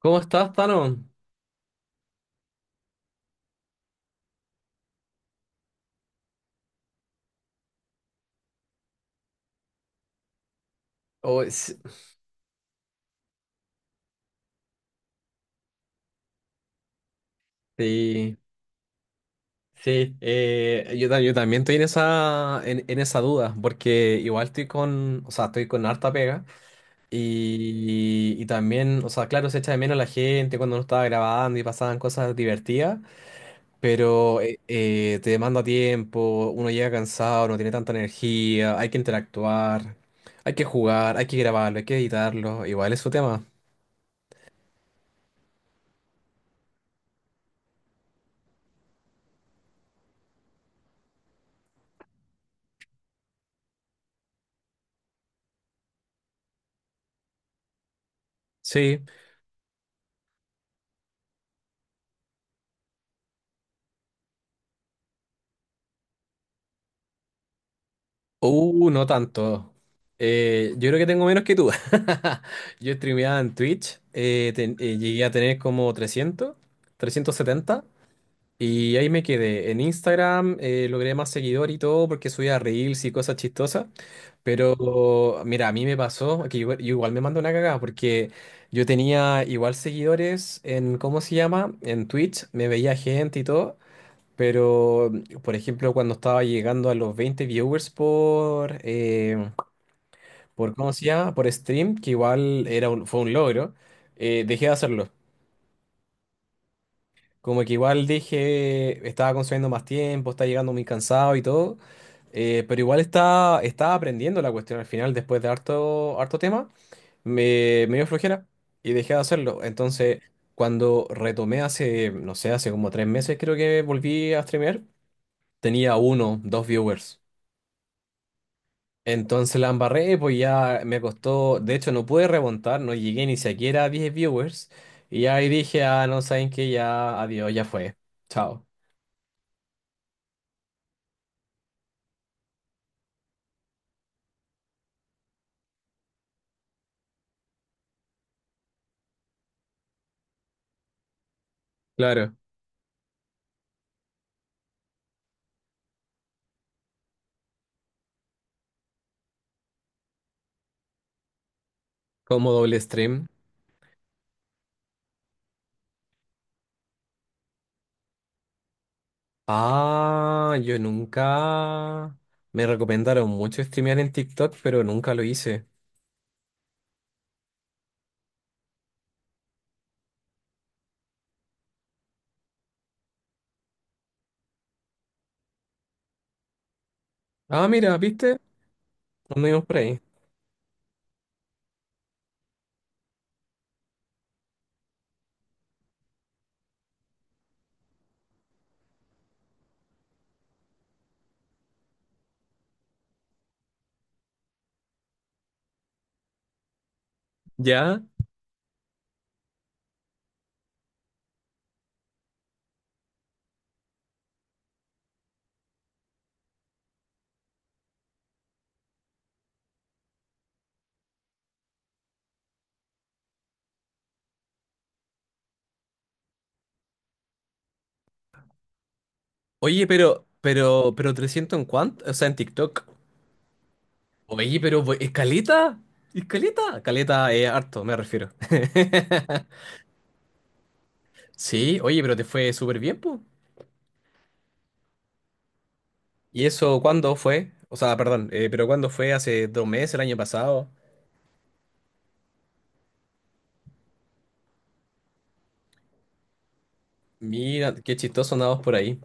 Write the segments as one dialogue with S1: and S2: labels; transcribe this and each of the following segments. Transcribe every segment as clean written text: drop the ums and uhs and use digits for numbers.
S1: ¿Cómo estás, Tano? Oh, sí, sí. Yo también estoy en esa duda, porque igual o sea, estoy con harta pega y también, o sea, claro, se echa de menos la gente cuando no estaba grabando y pasaban cosas divertidas, pero te demanda tiempo, uno llega cansado, no tiene tanta energía, hay que interactuar, hay que jugar, hay que grabarlo, hay que editarlo, igual es su tema. Sí. No tanto. Yo creo que tengo menos que tú. Yo streameaba en Twitch, llegué a tener como 370 y ahí me quedé. En Instagram logré más seguidor y todo porque subía reels y cosas chistosas, pero mira, a mí me pasó que yo igual me mandé una cagada porque yo tenía igual seguidores en, ¿cómo se llama? En Twitch, me veía gente y todo. Pero, por ejemplo, cuando estaba llegando a los 20 viewers por ¿cómo se llama? Por stream, que igual era fue un logro, dejé de hacerlo. Como que igual dije, estaba consumiendo más tiempo, estaba llegando muy cansado y todo, pero igual estaba aprendiendo la cuestión al final, después de harto, harto tema, me dio flojera y dejé de hacerlo. Entonces, cuando retomé hace, no sé, hace como 3 meses creo que volví a streamear, tenía uno, dos viewers. Entonces la embarré, pues ya me costó, de hecho no pude remontar, no llegué ni siquiera a 10 viewers y ahí dije, ah, no saben que ya, adiós, ya fue, chao. Claro, como doble stream. Ah, yo nunca. Me recomendaron mucho streamear en TikTok, pero nunca lo hice. Ah, mira, ¿viste? Anduvimos por ahí. Ya. Oye, pero 300 en cuánto, o sea, en TikTok. Oye, pero, ¿escaleta? ¿Escaleta? Caleta, es caleta, harto, me refiero. Sí, oye, pero te fue súper bien, pues. ¿Y eso cuándo fue? O sea, perdón, pero ¿cuándo fue? ¿Hace 2 meses, el año pasado? Mira, qué chistoso andamos por ahí.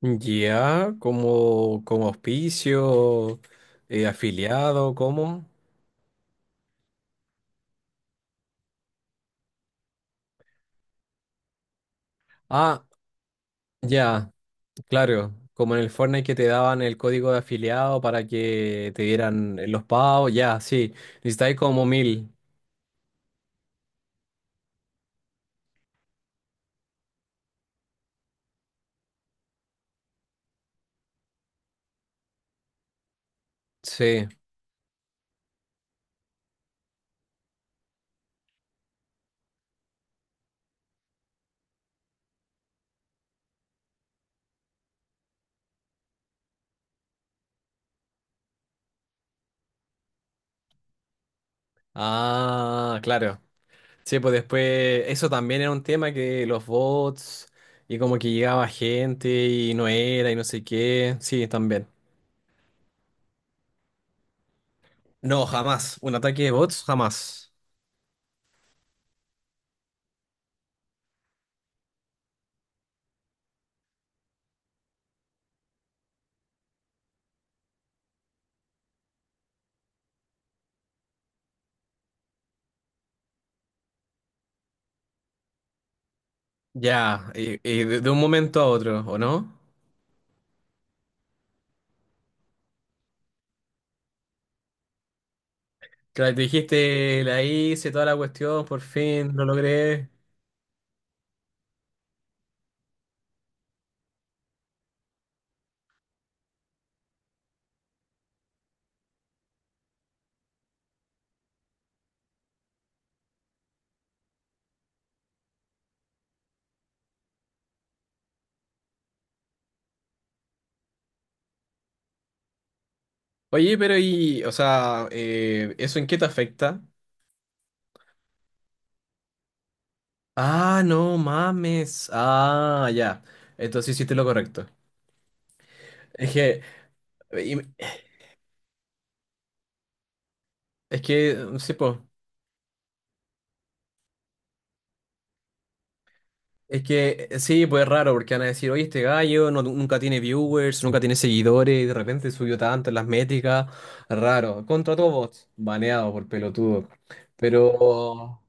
S1: Ya, como auspicio, afiliado, ¿cómo? Ah, ya, claro. Como en el Fortnite que te daban el código de afiliado para que te dieran los pagos, ya, sí. Necesitáis como 1.000, sí. Ah, claro. Sí, pues después eso también era un tema que los bots y como que llegaba gente y no era y no sé qué. Sí, también. No, jamás. Un ataque de bots, jamás. Ya, y de un momento a otro, ¿o no? Claro, te dijiste, la hice, toda la cuestión, por fin, lo logré. Oye, pero y, o sea, ¿eso en qué te afecta? Ah, no mames. Ah, ya. Entonces hiciste lo correcto. Es que, y- es que, sí, pues. Es que sí, pues es raro, porque van a decir, oye, este gallo nunca tiene viewers, nunca tiene seguidores, y de repente subió tanto en las métricas. Raro. Contra todo bots, baneado por pelotudo. Pero.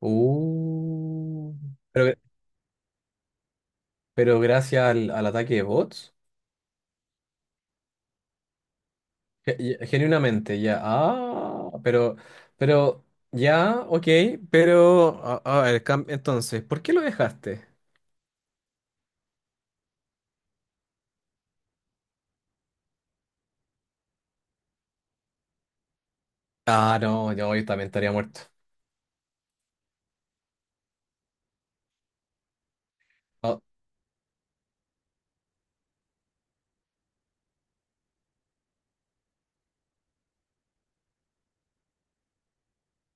S1: Uh, pero, pero gracias al, ataque de bots. Genuinamente, ya. Ah, pero. Pero. Ya, ok, pero. A ver, entonces, ¿por qué lo dejaste? Ah, no, yo también estaría muerto. Ah,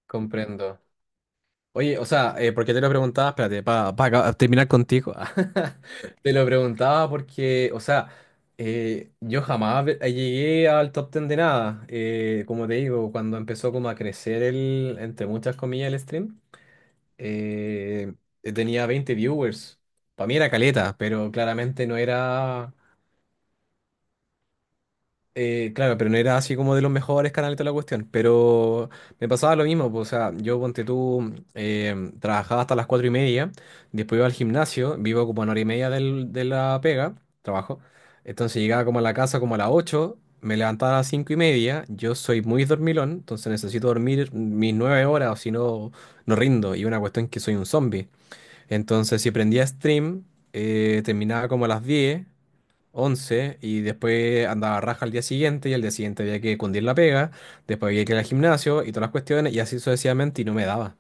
S1: comprendo. Oye, o sea, porque te lo preguntaba, espérate, para terminar contigo. Te lo preguntaba porque, o sea, yo jamás llegué al top ten de nada. Como te digo, cuando empezó como a crecer el, entre muchas comillas, el stream, eh, tenía 20 viewers. Para mí era caleta, pero claramente no era. Claro, pero no era así como de los mejores canales de la cuestión, pero me pasaba lo mismo, pues, o sea, yo ponte tú, trabajaba hasta las 4:30, después iba al gimnasio, vivo como a una hora y media de la pega, trabajo, entonces llegaba como a la casa como a las 8, me levantaba a las 5:30, yo soy muy dormilón, entonces necesito dormir mis 9 horas o si no, no rindo, y una cuestión que soy un zombie, entonces si prendía stream, terminaba como a las 10, 11 y después andaba raja al día siguiente y al día siguiente había que cundir la pega, después había que ir al gimnasio y todas las cuestiones y así sucesivamente y no me daba.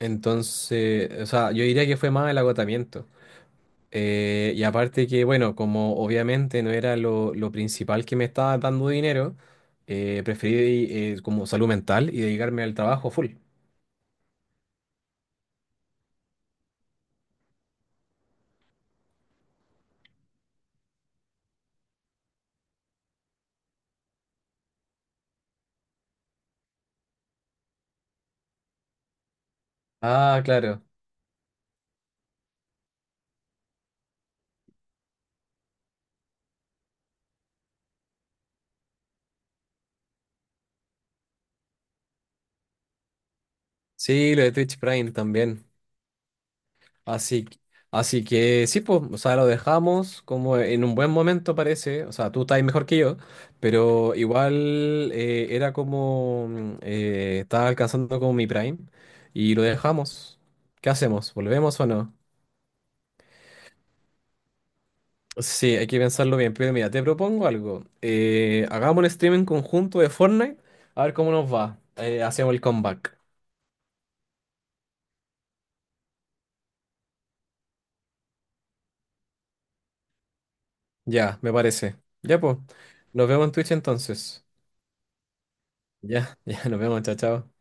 S1: Entonces, o sea, yo diría que fue más el agotamiento. Y aparte que, bueno, como obviamente no era lo principal que me estaba dando dinero, preferí como salud mental y dedicarme al trabajo full. Ah, claro. Sí, lo de Twitch Prime también. Así, que- Así que sí, pues, o sea, lo dejamos como en un buen momento parece, o sea, tú estás mejor que yo, pero igual era como, estaba alcanzando como mi prime y lo dejamos. ¿Qué hacemos? ¿Volvemos o no? Sí, hay que pensarlo bien, pero mira, te propongo algo. Hagamos un streaming conjunto de Fortnite, a ver cómo nos va. Hacemos el comeback. Ya, me parece. Ya, pues, nos vemos en Twitch entonces. Ya, ya, nos vemos, chao, chao.